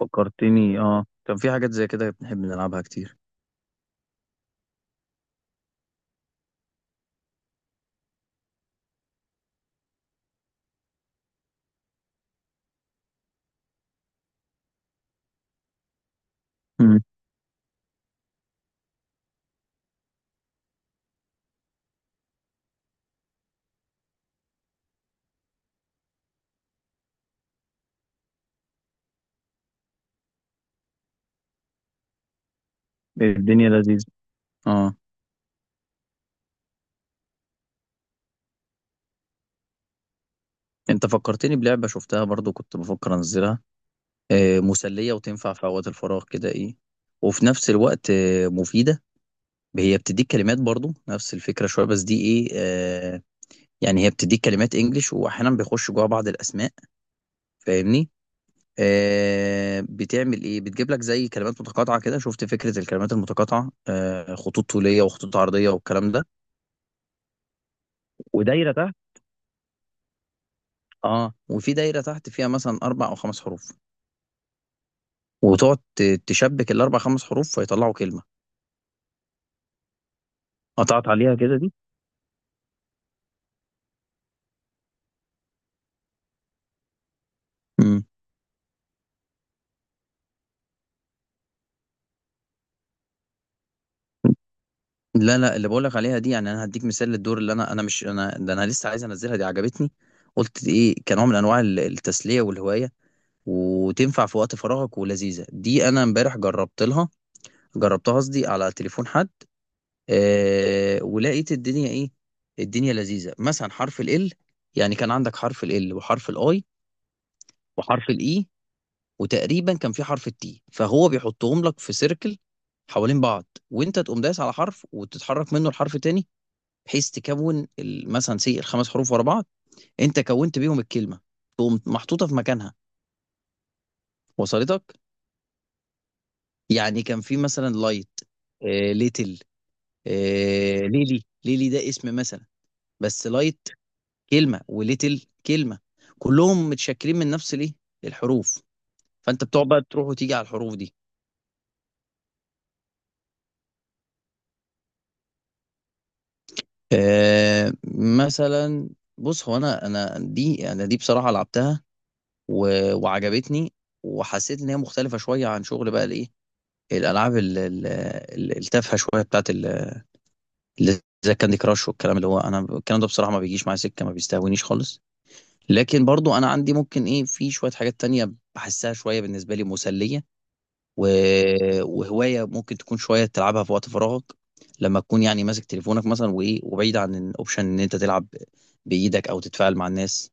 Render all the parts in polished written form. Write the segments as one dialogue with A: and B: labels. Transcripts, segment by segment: A: فكرتني كان في حاجات زي كده بنحب نلعبها كتير. مم. الدنيا لذيذة. اه انت فكرتني بلعبة شفتها برضو كنت بفكر انزلها. آه، مسلية وتنفع في اوقات الفراغ كده ايه، وفي نفس الوقت مفيدة. هي بتديك كلمات برضو نفس الفكرة شوية، بس دي ايه، يعني هي بتديك كلمات انجليش واحيانا بيخش جوا بعض الاسماء. فاهمني؟ آه، بتعمل ايه، بتجيب لك زي كلمات متقاطعة كده. شفت فكرة الكلمات المتقاطعة؟ آه، خطوط طولية وخطوط عرضية والكلام ده، ودايرة تحت. اه، وفي دايرة تحت فيها مثلا أربع أو خمس حروف، وتقعد تشبك الأربع خمس حروف فيطلعوا كلمة. قطعت عليها كده دي. مم. لا لا، اللي بقولك عليها دي يعني أنا هديك مثال للدور اللي أنا مش أنا ده، أنا لسه عايز أنزلها، دي عجبتني. قلت دي إيه كنوع من أنواع التسلية والهواية، وتنفع في وقت فراغك ولذيذة. دي أنا امبارح جربت لها، جربتها قصدي على تليفون حد. آه، ولقيت الدنيا إيه، الدنيا لذيذة. مثلا حرف ال L، يعني كان عندك حرف ال L وحرف الاي، وحرف الاي، وتقريبا كان في حرف التي، فهو بيحطهم لك في سيركل حوالين بعض. وانت تقوم دايس على حرف وتتحرك منه لحرف تاني، بحيث تكون مثلا سي الخمس حروف ورا بعض. انت كونت بيهم الكلمه، تقوم محطوطه في مكانها، وصلتك؟ يعني كان في مثلا لايت، آه ليتل، آه ليلي. ليلي ده اسم مثلا، بس لايت كلمه، وليتل كلمه، كلهم متشكلين من نفس الايه، الحروف. فانت بتقعد بقى تروح وتيجي على الحروف دي. آه، مثلا بص، هو انا دي، انا دي, بصراحه لعبتها، وعجبتني، وحسيت ان هي مختلفه شويه عن شغل بقى الايه، الالعاب التافهه شويه بتاعت اللي زي كاندي كراش والكلام. اللي هو انا الكلام ده بصراحه ما بيجيش معايا سكه، ما بيستهونيش خالص. لكن برضو انا عندي ممكن ايه، في شويه حاجات تانية بحسها شويه بالنسبه لي مسليه. و... وهواية ممكن تكون شوية تلعبها في وقت فراغك، لما تكون يعني ماسك تليفونك مثلا وإيه، وبعيد عن الأوبشن إن أنت تلعب بإيدك أو تتفاعل مع الناس.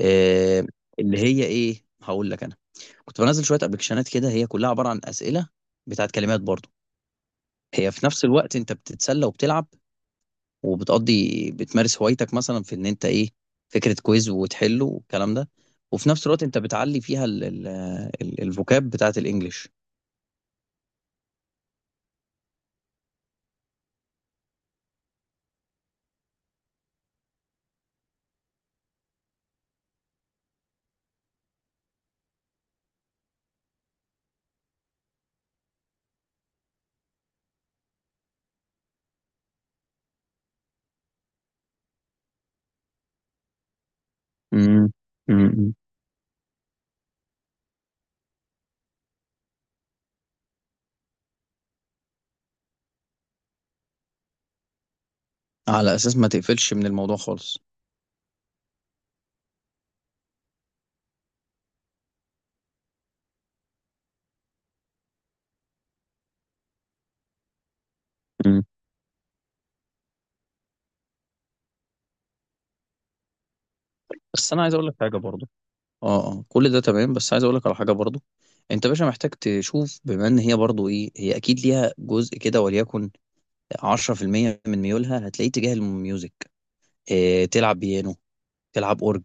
A: آه، اللي هي إيه، هقول لك أنا كنت بنزل شوية أبلكيشنات كده، هي كلها عبارة عن أسئلة بتاعت كلمات برضو. هي في نفس الوقت أنت بتتسلى وبتلعب، وبتقضي بتمارس هوايتك مثلا في إن أنت إيه، فكرة كويز وتحله والكلام ده. وفي نفس الوقت أنت بتعلي فيها الفوكاب بتاعت الإنجليش. امم، على اساس ما تقفلش من الموضوع خالص. مم. بس انا عايز اقول لك حاجه برضو. اه اه، كل ده تمام، بس عايز اقول لك على حاجه برضو. انت باشا محتاج تشوف، بما ان هي برضو ايه، هي اكيد ليها جزء كده، وليكن 10% من ميولها هتلاقيه تجاه الميوزك. إيه، تلعب بيانو، تلعب اورج،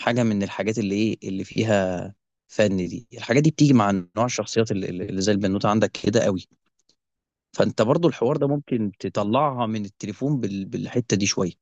A: حاجه من الحاجات اللي ايه اللي فيها فن. دي الحاجات دي بتيجي مع نوع الشخصيات اللي زي البنوته عندك كده قوي. فانت برضو الحوار ده ممكن تطلعها من التليفون بالحته دي شويه.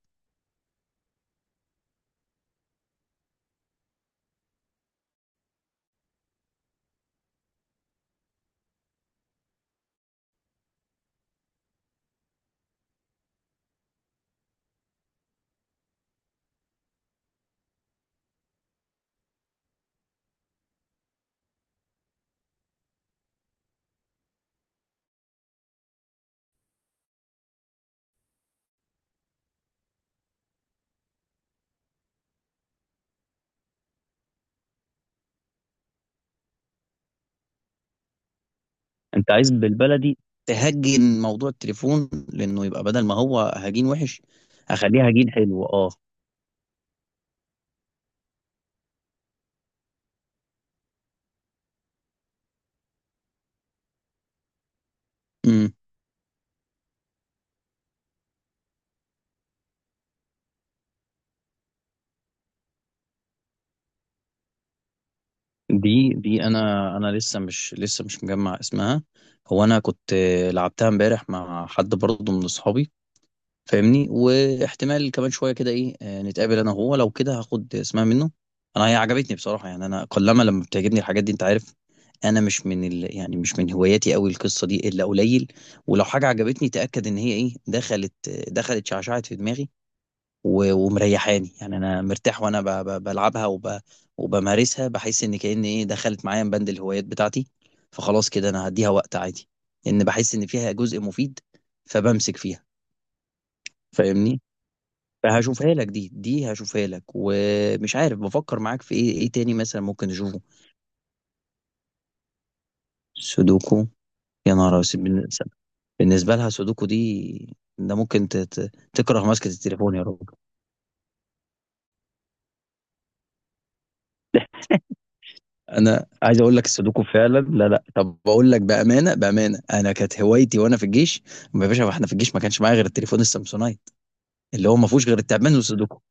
A: انت عايز بالبلدي تهجن موضوع التليفون، لانه يبقى بدل ما هو هجين وحش هخليه هجين حلو. اه، امم. دي انا، انا لسه مش مجمع اسمها. هو انا كنت آه، لعبتها امبارح مع حد برضه من اصحابي، فاهمني؟ واحتمال كمان شويه كده ايه، آه، نتقابل انا وهو، لو كده هاخد اسمها منه. انا هي عجبتني بصراحه، يعني انا قلما لما بتعجبني الحاجات دي، انت عارف، انا مش من يعني مش من هواياتي قوي القصه دي الا قليل. ولو حاجه عجبتني، تاكد ان هي ايه، دخلت، دخلت شعشعت في دماغي، ومريحاني، يعني انا مرتاح وانا بلعبها، وبمارسها، بحس ان كأن ايه دخلت معايا من بند الهوايات بتاعتي. فخلاص كده انا هديها وقت عادي، لان بحس ان فيها جزء مفيد فبمسك فيها. فاهمني؟ فهاشوفها لك، دي هشوفها لك، ومش عارف، بفكر معاك في ايه، ايه تاني مثلا ممكن نشوفه. سودوكو. يا نهار أسود، بالنسبه لها سودوكو دي ده ممكن تكره ماسكه التليفون يا راجل. انا عايز اقول لك السودوكو فعلا، لا لا، طب بقول لك بامانه، بامانه انا كانت هوايتي وانا في الجيش. يا باشا احنا في الجيش ما كانش معايا غير التليفون السامسونايت، اللي هو ما فيهوش غير التعبان والسودوكو.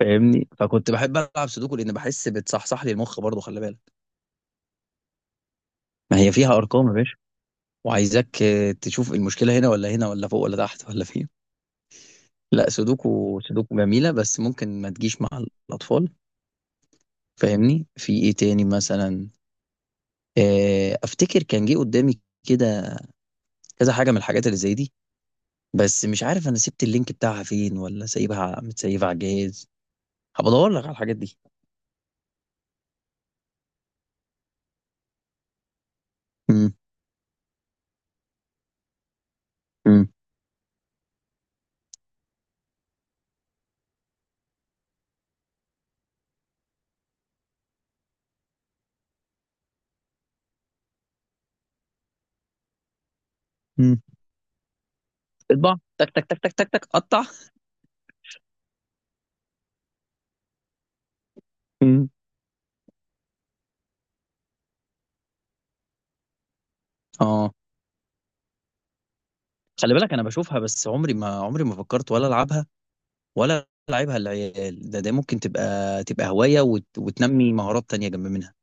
A: فاهمني؟ فكنت بحب العب سودوكو، لان بحس بتصحصح لي المخ برضه، خلي بالك. ما هي فيها ارقام يا باشا، وعايزاك آه، تشوف المشكلة هنا ولا هنا ولا فوق ولا تحت ولا فين. لا، سودوكو سودوكو جميلة، بس ممكن ما تجيش مع الأطفال. فاهمني؟ في ايه تاني مثلا. آه، افتكر كان جه قدامي كده كذا حاجة من الحاجات اللي زي دي، بس مش عارف انا سبت اللينك بتاعها فين ولا سايبها متسيبها على الجهاز. هبدور لك على الحاجات دي. مم. مم. مم. اطبع تك تك تك تك تك تك قطع. مم. اه، خلي بالك، انا بشوفها بس عمري ما، عمري ما فكرت ولا العبها، ولا العبها للعيال. ده ده ممكن تبقى هوايه، وتنمي مهارات تانية جنب منها.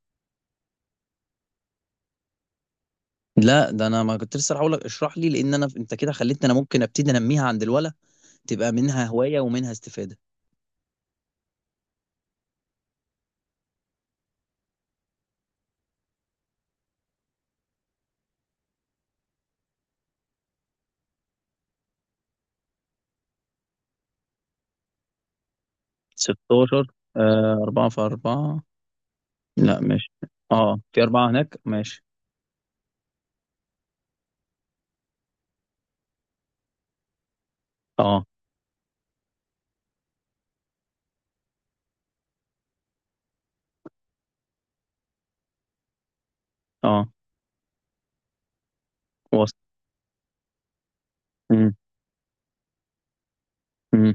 A: لا ده انا ما كنت لسه هقول لك اشرح لي، لان انا انت كده خليتني انا ممكن ابتدي انميها عند الولا، تبقى منها هوايه ومنها استفاده. 16، آه 4 في 4. لا ماشي، اه في أربعة هناك ماشي. اه. اه، وصل. مم. مم.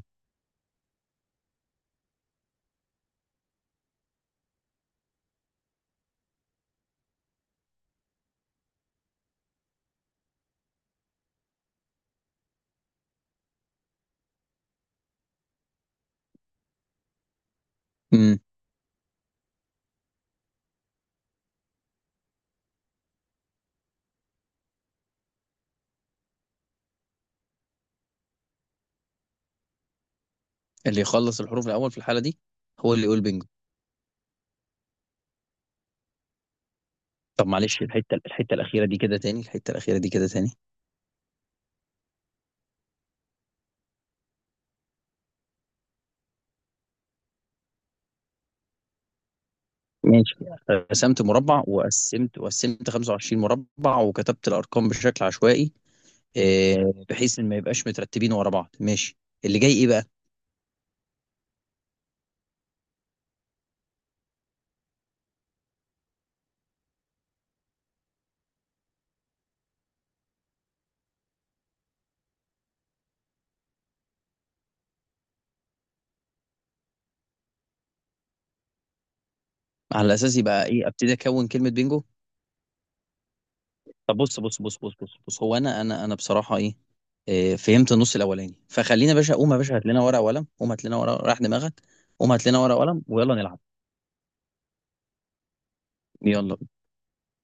A: مم. اللي يخلص الحروف الأول في الحالة دي هو اللي يقول بينجو. طب معلش، الحتة الأخيرة دي كده تاني، الحتة الأخيرة دي كده تاني. ماشي، رسمت مربع وقسمت 25 مربع، وكتبت الارقام بشكل عشوائي. آه، بحيث ان ما يبقاش مترتبين ورا بعض، ماشي. اللي جاي ايه بقى؟ على اساس يبقى ايه، ابتدي اكون كلمه بينجو. طب بص، هو انا بصراحه ايه، آه، فهمت النص الاولاني، فخلينا يا باشا، قوم يا باشا هات لنا ورقه وقلم، قوم هات لنا ورقه، راح دماغك. قوم هات لنا ورقه وقلم ويلا نلعب. يلا.